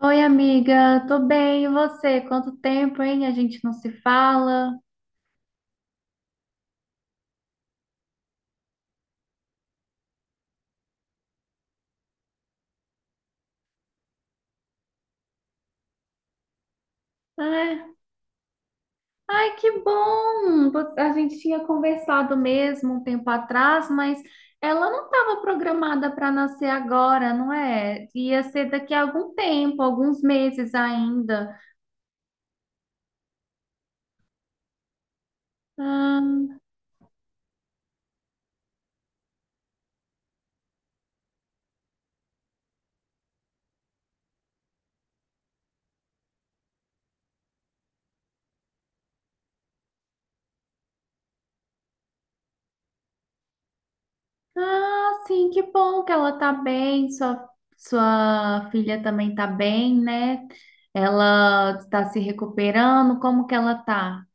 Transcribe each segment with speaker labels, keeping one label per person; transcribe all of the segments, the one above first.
Speaker 1: Oi, amiga, tô bem, e você? Quanto tempo, hein? A gente não se fala. É. Ai, que bom! A gente tinha conversado mesmo um tempo atrás, mas ela não estava programada para nascer agora, não é? Ia ser daqui a algum tempo, alguns meses ainda. Ah, ah, sim, que bom que ela tá bem, sua filha também tá bem, né? Ela está se recuperando, como que ela tá?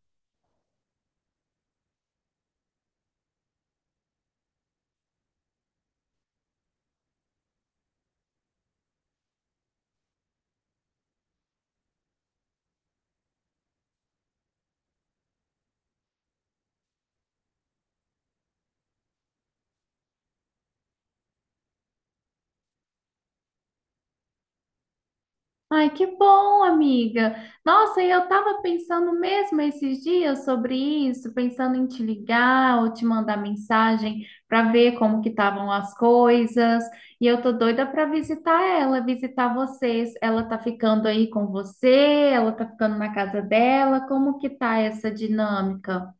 Speaker 1: Ai, que bom, amiga. Nossa, e eu tava pensando mesmo esses dias sobre isso, pensando em te ligar ou te mandar mensagem para ver como que estavam as coisas. E eu tô doida para visitar ela, visitar vocês. Ela tá ficando aí com você? Ela tá ficando na casa dela? Como que tá essa dinâmica?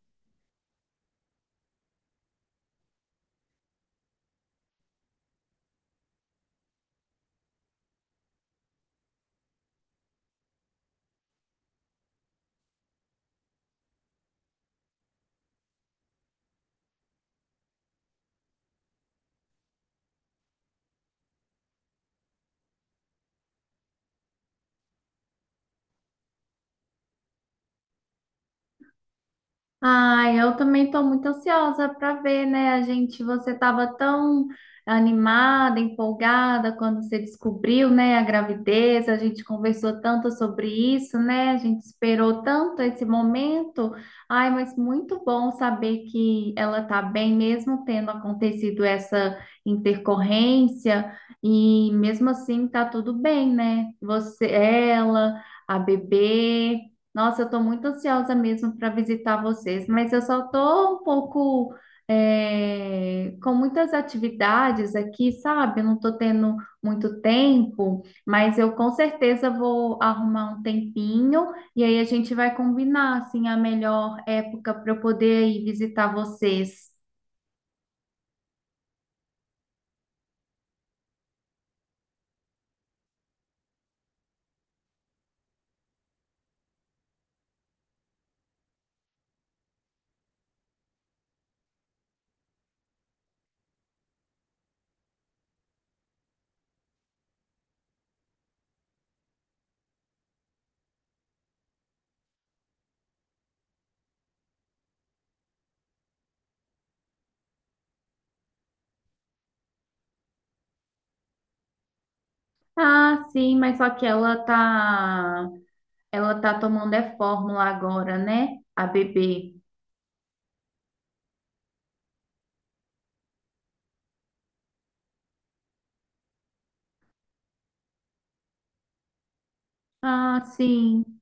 Speaker 1: Ai, eu também estou muito ansiosa para ver, né? A gente, você estava tão animada, empolgada quando você descobriu, né, a gravidez. A gente conversou tanto sobre isso, né? A gente esperou tanto esse momento. Ai, mas muito bom saber que ela está bem, mesmo tendo acontecido essa intercorrência. E mesmo assim, tá tudo bem, né? Você, ela, a bebê. Nossa, eu estou muito ansiosa mesmo para visitar vocês, mas eu só estou um pouco com muitas atividades aqui, sabe? Eu não estou tendo muito tempo, mas eu com certeza vou arrumar um tempinho, e aí a gente vai combinar assim a melhor época para eu poder ir visitar vocês. Ah, sim, mas só que ela tá tomando é fórmula agora, né? A bebê. Ah, sim.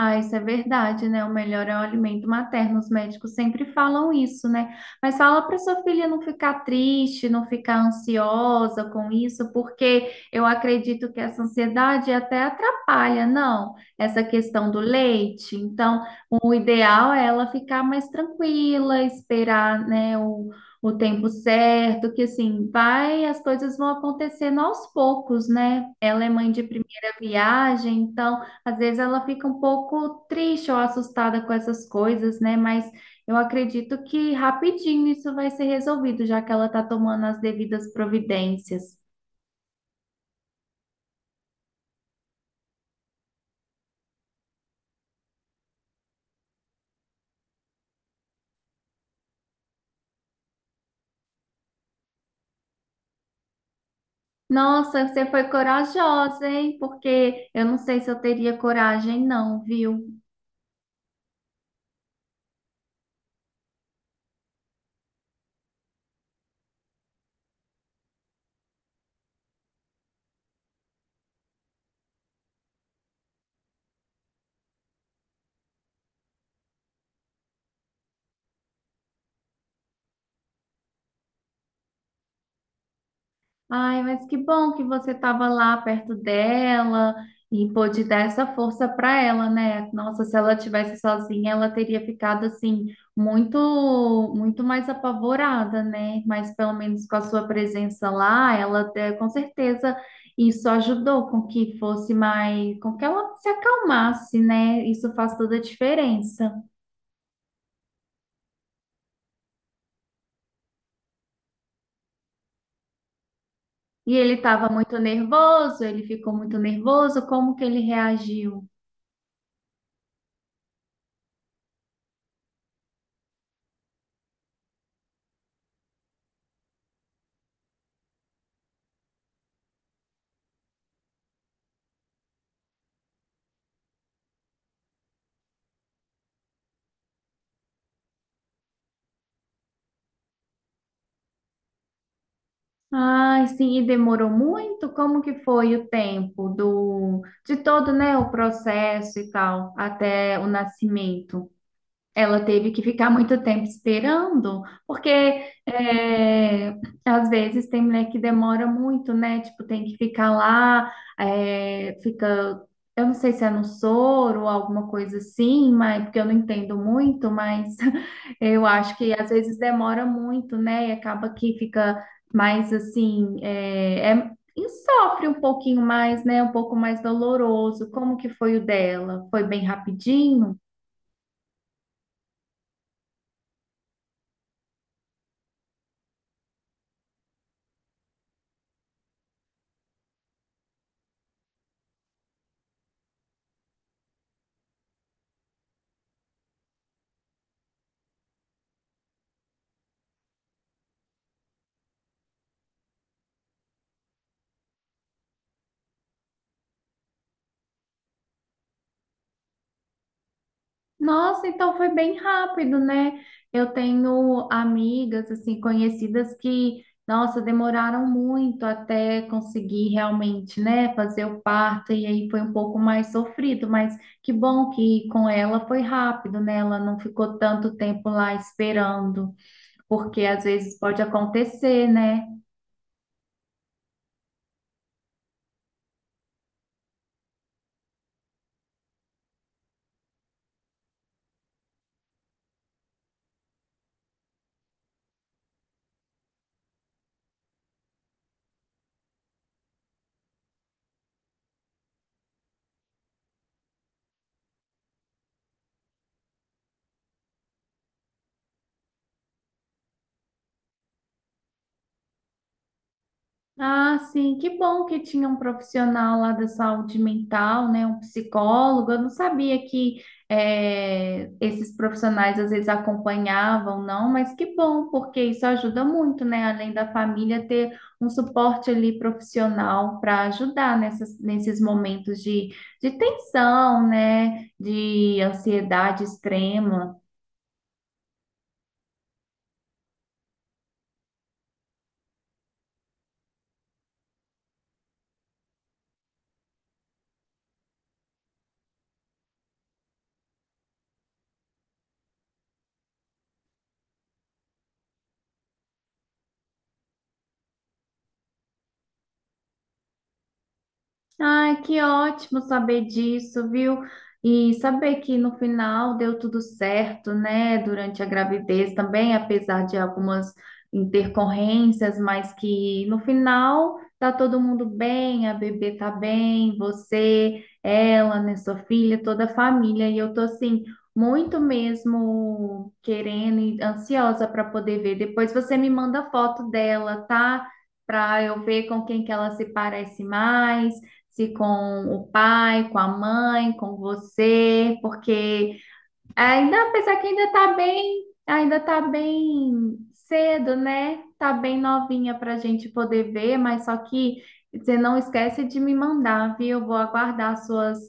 Speaker 1: Ah, isso é verdade, né? O melhor é o alimento materno. Os médicos sempre falam isso, né? Mas fala para sua filha não ficar triste, não ficar ansiosa com isso, porque eu acredito que essa ansiedade até atrapalha, não? Essa questão do leite. Então, o ideal é ela ficar mais tranquila, esperar, né, o tempo certo, que assim, vai, as coisas vão acontecendo aos poucos, né? Ela é mãe de primeira viagem, então. Às vezes ela fica um pouco triste ou assustada com essas coisas, né? Mas eu acredito que rapidinho isso vai ser resolvido, já que ela está tomando as devidas providências. Nossa, você foi corajosa, hein? Porque eu não sei se eu teria coragem, não, viu? Ai, mas que bom que você estava lá perto dela e pôde dar essa força para ela, né? Nossa, se ela tivesse sozinha, ela teria ficado assim muito, muito mais apavorada, né? Mas pelo menos com a sua presença lá, ela com certeza isso ajudou com que fosse mais, com que ela se acalmasse, né? Isso faz toda a diferença. E ele estava muito nervoso, ele ficou muito nervoso, como que ele reagiu? Ai, sim, e demorou muito? Como que foi o tempo do de todo, né, o processo e tal, até o nascimento? Ela teve que ficar muito tempo esperando, porque às vezes tem mulher que demora muito, né? Tipo, tem que ficar lá, é, fica, eu não sei se é no soro ou alguma coisa assim, mas porque eu não entendo muito, mas eu acho que às vezes demora muito, né? E acaba que fica mais assim, e sofre um pouquinho mais, né? Um pouco mais doloroso. Como que foi o dela? Foi bem rapidinho? Nossa, então foi bem rápido, né? Eu tenho amigas, assim, conhecidas que, nossa, demoraram muito até conseguir realmente, né, fazer o parto, e aí foi um pouco mais sofrido, mas que bom que com ela foi rápido, né? Ela não ficou tanto tempo lá esperando, porque às vezes pode acontecer, né? Ah, sim, que bom que tinha um profissional lá da saúde mental, né? Um psicólogo. Eu não sabia que esses profissionais às vezes acompanhavam, não, mas que bom, porque isso ajuda muito, né? Além da família ter um suporte ali profissional para ajudar nesses momentos de tensão, né? De ansiedade extrema. Ai, que ótimo saber disso, viu? E saber que no final deu tudo certo, né? Durante a gravidez também, apesar de algumas intercorrências, mas que no final tá todo mundo bem, a bebê tá bem, você, ela, né, sua filha, toda a família. E eu tô assim, muito mesmo querendo e ansiosa para poder ver. Depois você me manda foto dela, tá? Para eu ver com quem que ela se parece mais, se com o pai, com a mãe, com você, porque ainda, apesar que ainda tá bem cedo, né? Tá bem novinha pra gente poder ver, mas só que você não esquece de me mandar, viu? Eu vou aguardar suas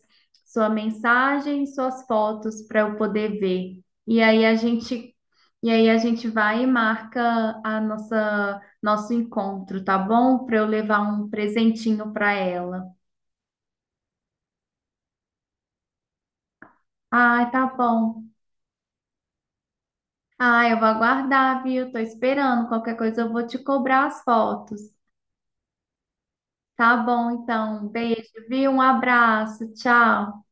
Speaker 1: sua mensagem, e suas fotos para eu poder ver. E aí a gente vai e marca a nossa nosso encontro, tá bom? Para eu levar um presentinho para ela. Ai, tá bom. Ai, eu vou aguardar, viu? Tô esperando. Qualquer coisa eu vou te cobrar as fotos. Tá bom, então. Beijo, viu? Um abraço. Tchau.